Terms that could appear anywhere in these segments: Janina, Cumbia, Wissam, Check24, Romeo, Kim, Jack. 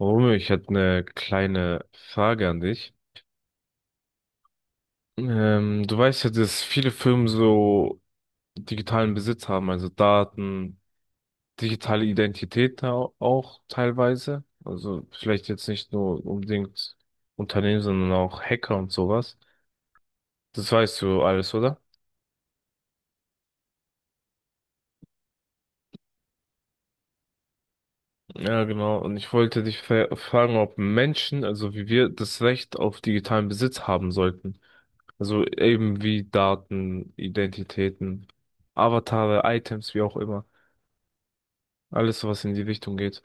Romeo, ich hätte eine kleine Frage an dich. Du weißt ja, dass viele Firmen so digitalen Besitz haben, also Daten, digitale Identität auch teilweise. Also vielleicht jetzt nicht nur unbedingt Unternehmen, sondern auch Hacker und sowas. Das weißt du alles, oder? Ja, genau. Und ich wollte dich fragen, ob Menschen, also wie wir, das Recht auf digitalen Besitz haben sollten. Also eben wie Daten, Identitäten, Avatare, Items, wie auch immer. Alles, was in die Richtung geht.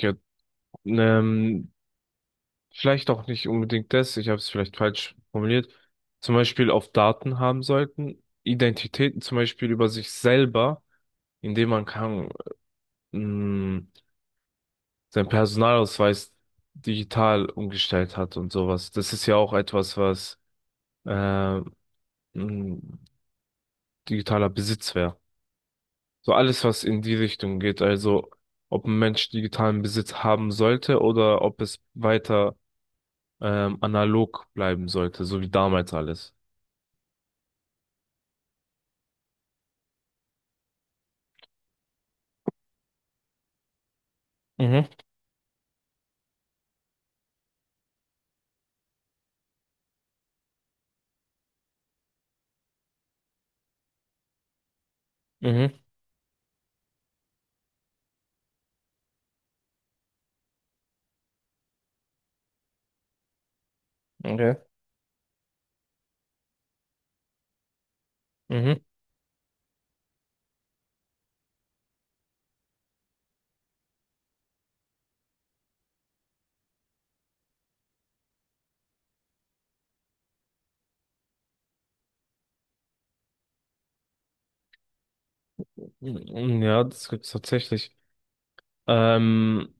Ja, ähm, vielleicht auch nicht unbedingt das, ich habe es vielleicht falsch formuliert. Zum Beispiel auf Daten haben sollten, Identitäten zum Beispiel über sich selber, indem man kann, mh, seinen Personalausweis digital umgestellt hat und sowas. Das ist ja auch etwas, was äh, ein digitaler Besitz wäre. So alles, was in die Richtung geht, also ob ein Mensch digitalen Besitz haben sollte oder ob es weiter analog bleiben sollte, so wie damals alles. Mhm, mhm, okay. Mhm. Mm, ja, das gibt's tatsächlich. Ähm,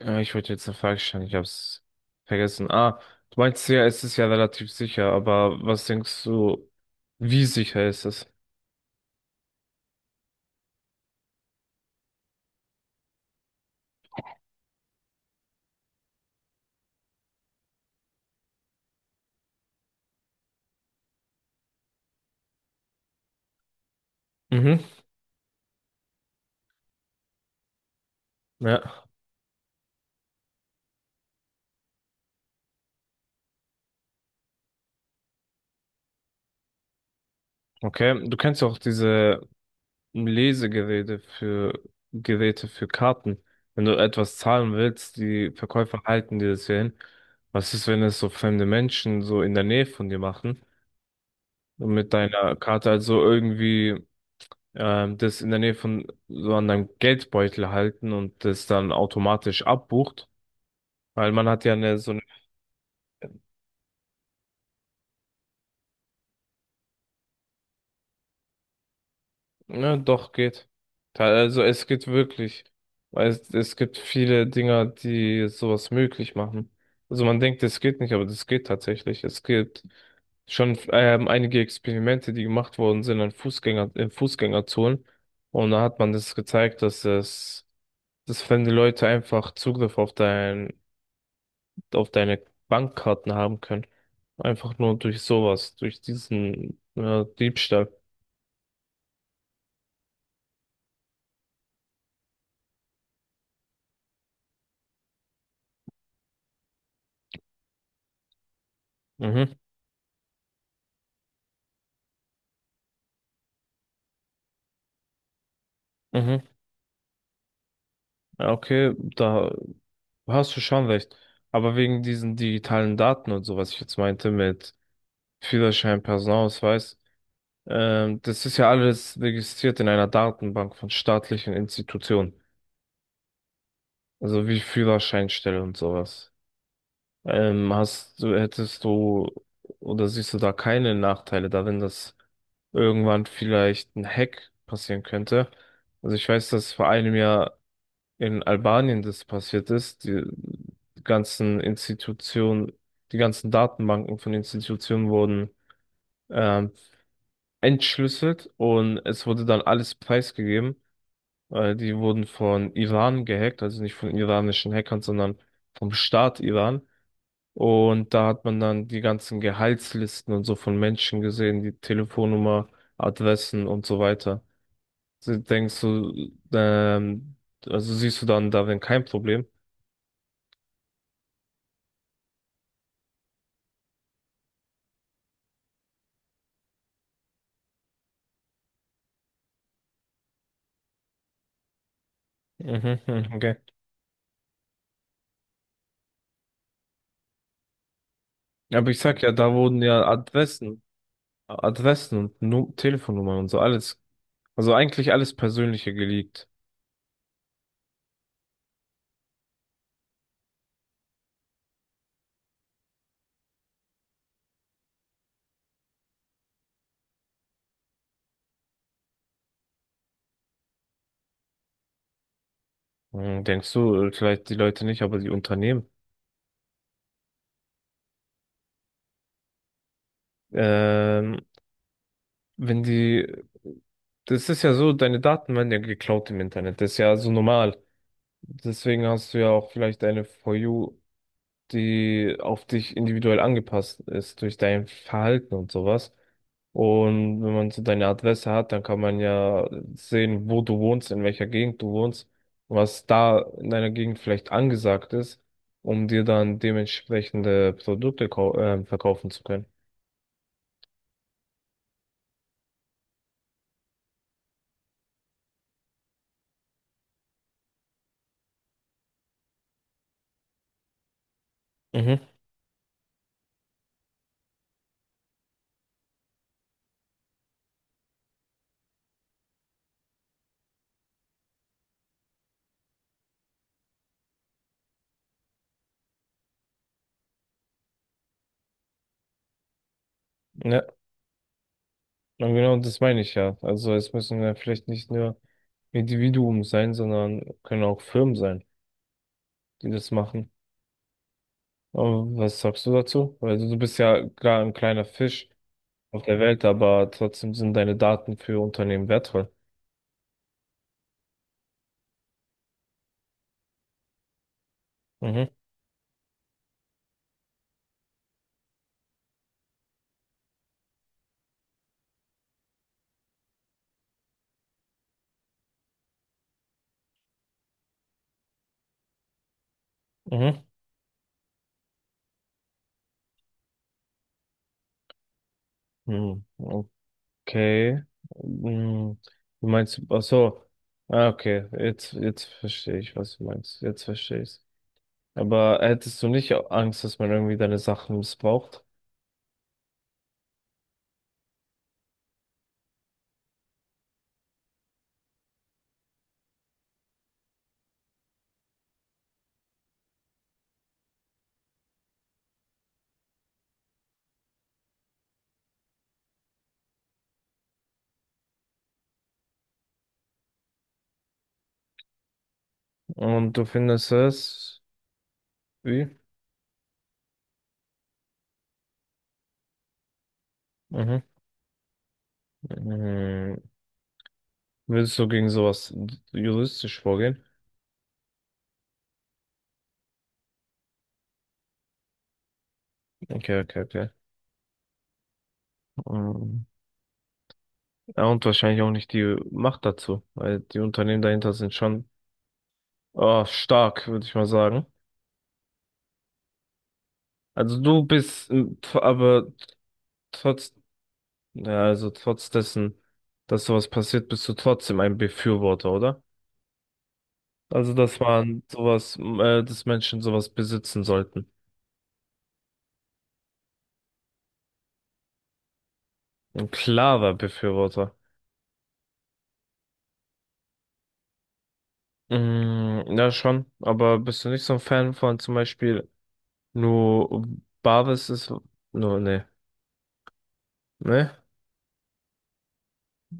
Ich wollte jetzt eine Frage stellen, ich hab's vergessen. Ah, du meinst ja, es ist ja relativ sicher, aber was denkst du, wie sicher ist es? Mhm. Ja, okay. Du kennst ja auch diese Lesegeräte für Geräte für Karten. Wenn du etwas zahlen willst, die Verkäufer halten dir das ja hin. Was ist, wenn es so fremde Menschen so in der Nähe von dir machen? Und mit deiner Karte also irgendwie das in der Nähe von so an deinem Geldbeutel halten und das dann automatisch abbucht. Weil man hat ja eine, so. Ja, doch, geht. Also es geht wirklich. Weil es gibt viele Dinger, die sowas möglich machen. Also man denkt, es geht nicht, aber das geht tatsächlich. Es gibt schon einige Experimente, die gemacht worden sind an Fußgänger, in Fußgängerzonen. Und da hat man das gezeigt, dass es, dass wenn die Leute einfach Zugriff auf auf deine Bankkarten haben können. Einfach nur durch sowas, durch diesen Diebstahl. Mhm, mhm. Ja, okay, da hast du schon recht. Aber wegen diesen digitalen Daten und so, was ich jetzt meinte mit Führerschein, Personalausweis, das ist ja alles registriert in einer Datenbank von staatlichen Institutionen. Also wie Führerscheinstelle und sowas. Hättest du oder siehst du da keine Nachteile darin, dass irgendwann vielleicht ein Hack passieren könnte? Also ich weiß, dass vor einem Jahr in Albanien das passiert ist, ganzen Institutionen, die ganzen Datenbanken von Institutionen wurden ähm, entschlüsselt und es wurde dann alles preisgegeben. Die wurden von Iran gehackt, also nicht von iranischen Hackern, sondern vom Staat Iran. Und da hat man dann die ganzen Gehaltslisten und so von Menschen gesehen, die Telefonnummer, Adressen und so weiter. Also Denkst du, ähm, also siehst du dann darin kein Problem? Mhm, mhm, okay. Aber ich sag ja, da wurden ja Adressen, Adressen und Nu Telefonnummern und so alles, also eigentlich alles Persönliche geleakt. Hm, denkst du, vielleicht die Leute nicht, aber die Unternehmen. Ähm, wenn die, Das ist ja so, deine Daten werden ja geklaut im Internet, das ist ja so normal. Deswegen hast du ja auch vielleicht eine For You, die auf dich individuell angepasst ist durch dein Verhalten und sowas. Und wenn man so deine Adresse hat, dann kann man ja sehen, wo du wohnst, in welcher Gegend du wohnst, was da in deiner Gegend vielleicht angesagt ist, um dir dann dementsprechende Produkte verkaufen zu können. Mhm. Ja, und genau das meine ich ja. Also es müssen ja vielleicht nicht nur Individuen sein, sondern können auch Firmen sein, die das machen. Aber was sagst du dazu? Also du bist ja klar ein kleiner Fisch auf der Welt, aber trotzdem sind deine Daten für Unternehmen wertvoll. Mhm, mhm, mhm. Okay. Mhm. Du meinst, ach so, ah, okay, jetzt verstehe ich, was du meinst. Jetzt verstehe ich's. Aber hättest du nicht Angst, dass man irgendwie deine Sachen missbraucht? Und du findest es, wie? Mhm. Mhm. Würdest du gegen sowas juristisch vorgehen? Okay, okay, okay. Mhm. Ja, und wahrscheinlich auch nicht die Macht dazu, weil die Unternehmen dahinter sind schon, oh, stark, würde ich mal sagen. Also du bist trotz, ja, also trotz dessen, dass sowas passiert, bist du trotzdem ein Befürworter, oder? Also, dass Menschen sowas besitzen sollten. Ein klarer Befürworter. Mm, ja, schon, aber bist du nicht so ein Fan von zum Beispiel nur Barvis ist, nur, nee, ne?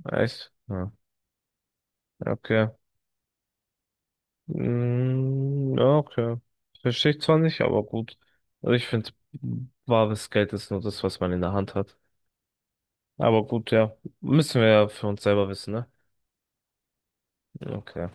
Echt? Ja, okay. Mm, ja, okay. Verstehe ich zwar nicht, aber gut. Also ich finde, wahres Geld ist nur das, was man in der Hand hat. Aber gut, ja. Müssen wir ja für uns selber wissen, ne? Okay.